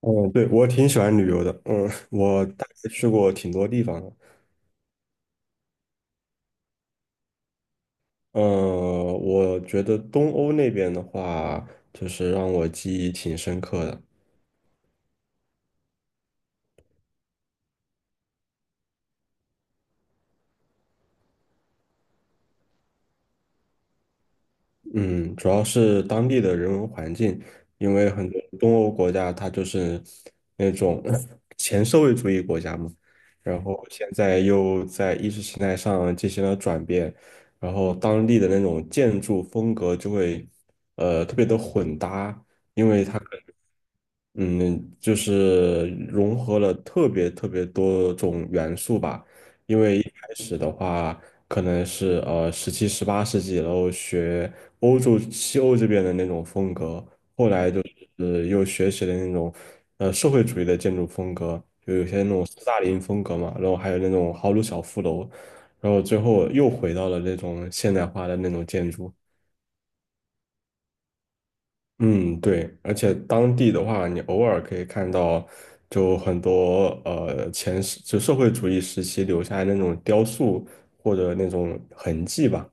嗯，对，我挺喜欢旅游的。嗯，我大概去过挺多地方的。呃，我觉得东欧那边的话，就是让我记忆挺深刻的。嗯，主要是当地的人文环境，因为很多东欧国家它就是那种 前社会主义国家嘛，然后现在又在意识形态上进行了转变，然后当地的那种建筑风格就会特别的混搭。因为它。嗯，就是融合了特别特别多种元素吧。因为一开始的话，可能是17、18世纪，然后学欧洲、西欧这边的那种风格，又学习了那种社会主义的建筑风格，就有些那种斯大林风格嘛，然后还有那种豪鲁小富楼，然后最后又回到了那种现代化的那种建筑。嗯，对，而且当地的话，你偶尔可以看到，就很多前世就社会主义时期留下来那种雕塑或者那种痕迹吧。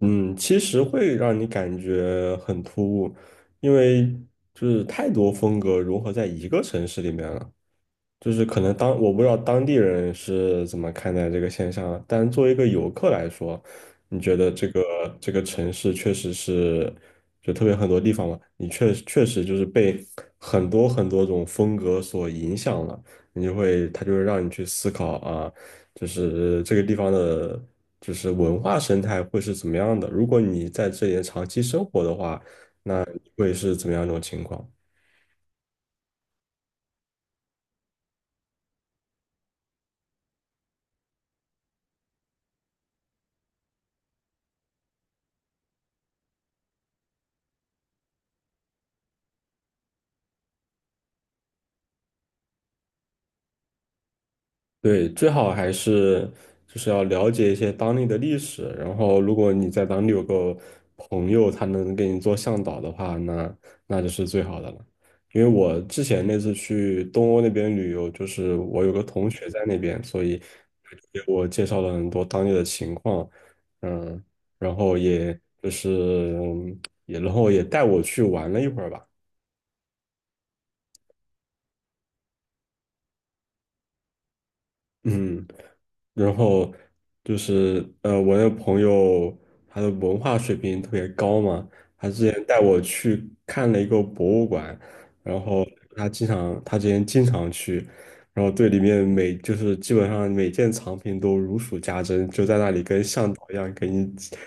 嗯，其实会让你感觉很突兀，因为就是太多风格融合在一个城市里面了。就是可能当我不知道当地人是怎么看待这个现象啊，但作为一个游客来说，你觉得这个城市确实是，就特别很多地方嘛，你确实就是被很多很多种风格所影响了，你就会他就是让你去思考啊，就是这个地方的，就是文化生态会是怎么样的，如果你在这里长期生活的话，那你会是怎么样一种情况？对，最好还是就是要了解一些当地的历史，然后如果你在当地有个朋友，他能给你做向导的话，那就是最好的了。因为我之前那次去东欧那边旅游，就是我有个同学在那边，所以他就给我介绍了很多当地的情况，嗯，然后也就是嗯也然后也带我去玩了一会儿吧。嗯，然后就是我那个朋友他的文化水平特别高嘛，他之前带我去看了一个博物馆，然后他之前经常去，然后对里面就是基本上每件藏品都如数家珍，就在那里跟向导一样给你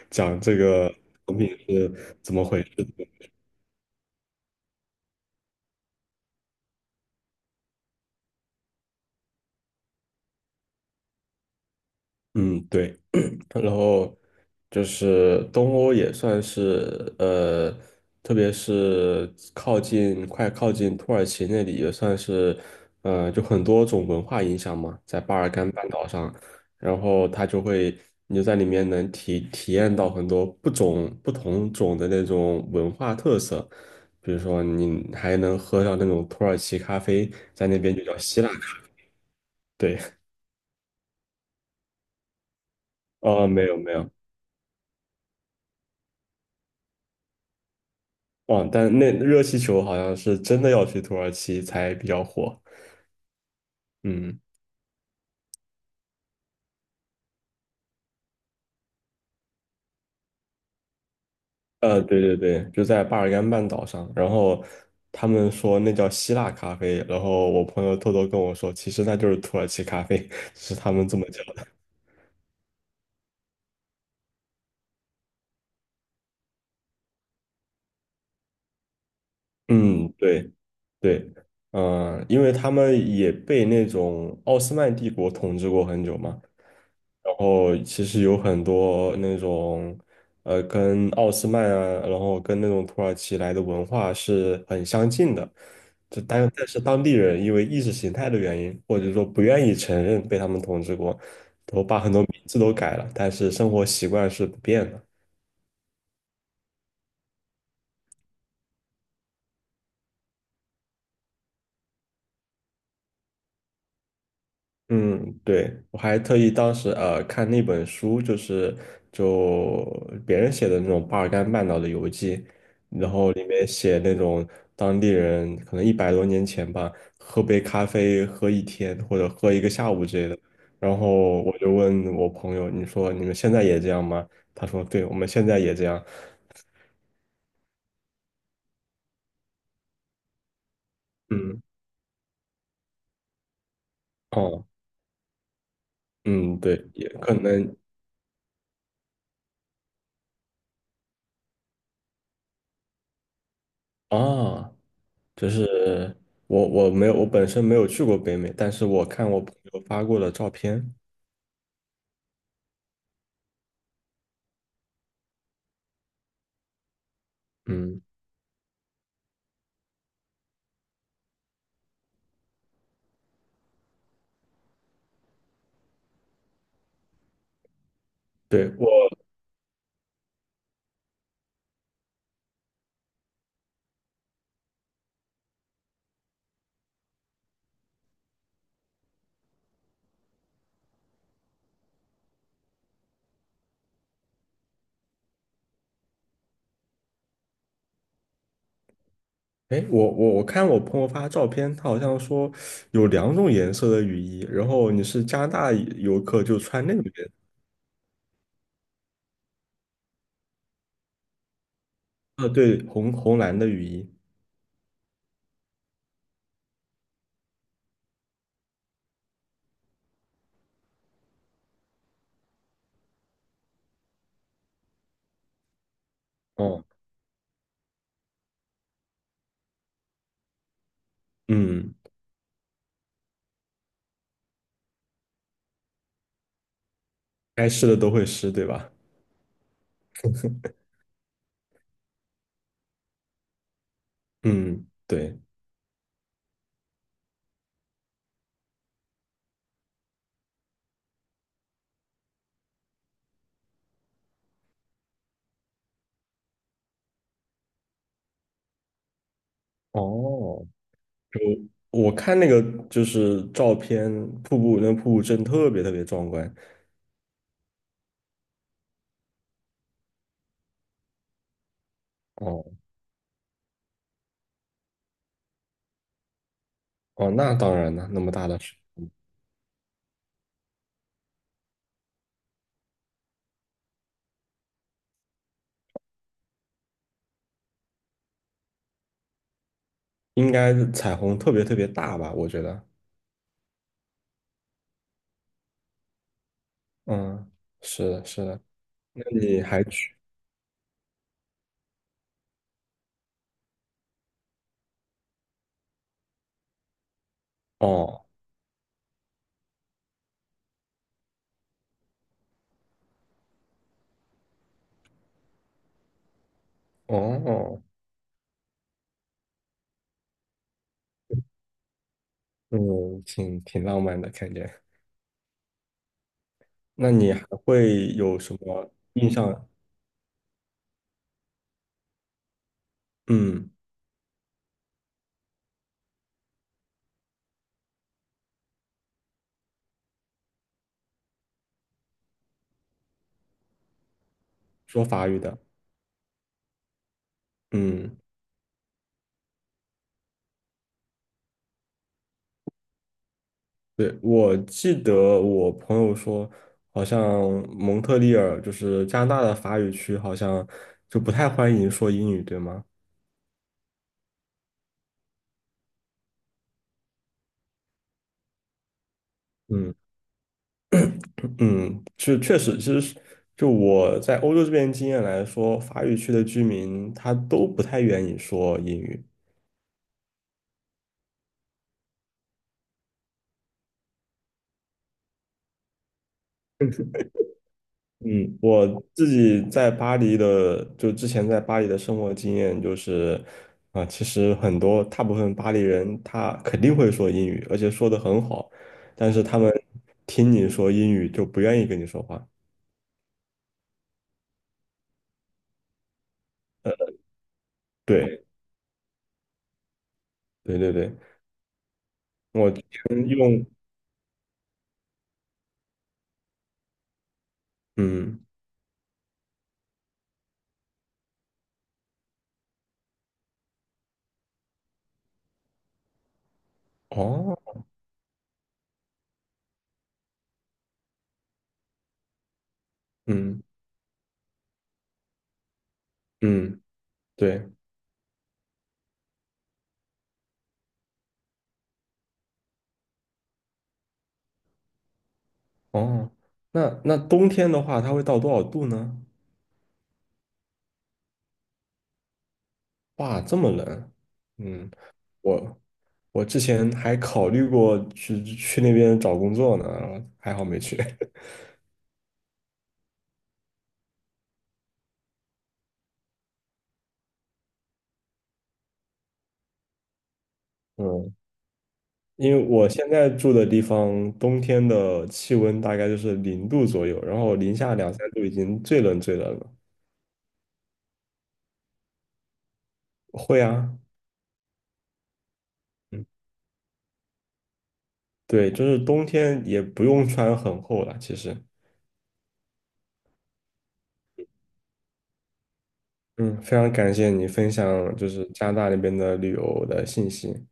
讲这个藏品是怎么回事。嗯，对，然后就是东欧也算是，特别是快靠近土耳其那里，也算是，就很多种文化影响嘛，在巴尔干半岛上，然后它就会你就在里面能体验到很多不同种的那种文化特色，比如说你还能喝上那种土耳其咖啡，在那边就叫希腊咖，对，哦，没有没有。哇，但那热气球好像是真的要去土耳其才比较火。嗯，对对对，就在巴尔干半岛上。然后他们说那叫希腊咖啡，然后我朋友偷偷跟我说，其实那就是土耳其咖啡，是他们这么叫的。嗯，对对，嗯、因为他们也被那种奥斯曼帝国统治过很久嘛，然后其实有很多那种，跟奥斯曼啊，然后跟那种土耳其来的文化是很相近的，就但是当地人因为意识形态的原因，或者说不愿意承认被他们统治过，都把很多名字都改了，但是生活习惯是不变的。嗯，对，我还特意当时看那本书，就是就别人写的那种巴尔干半岛的游记，然后里面写那种当地人可能100多年前吧，喝杯咖啡喝一天或者喝一个下午之类的。然后我就问我朋友，你说你们现在也这样吗？他说，对，我们现在也这样。嗯，哦，嗯，对，也可能啊。就是我本身没有去过北美，但是我看我朋友发过的照片，嗯，对我，哎，我看我朋友发照片，他好像说有两种颜色的雨衣，然后你是加拿大游客就穿那种颜色，对，红蓝的雨衣，哦，嗯，该湿的都会湿，对吧？嗯，对。哦，就我看那个就是照片，瀑布真的特别特别壮观。哦哦，那当然了，那么大的水应该是彩虹特别特别大吧？我觉得，嗯，是的，是的。那你还去？哦哦哦，嗯，挺浪漫的感觉。那你还会有什么印象？嗯，说法语的，嗯，对，我记得我朋友说，好像蒙特利尔就是加拿大的法语区，好像就不太欢迎说英语，对吗？嗯。嗯，是确实，其实是就我在欧洲这边经验来说，法语区的居民他都不太愿意说英语。嗯，我自己在巴黎的，就之前在巴黎的生活经验就是，啊、其实大部分巴黎人他肯定会说英语，而且说得很好，但是他们听你说英语就不愿意跟你说话。对，对对对，我之前用，嗯，哦，嗯嗯，对。哦，那冬天的话，它会到多少度呢？哇，这么冷。嗯，我我之前还考虑过去那边找工作呢，还好没去。嗯，因为我现在住的地方，冬天的气温大概就是0度左右，然后零下两三度已经最冷最冷了。会啊，嗯，对，就是冬天也不用穿很厚了，其实。嗯，非常感谢你分享就是加拿大那边的旅游的信息。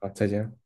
好，再见。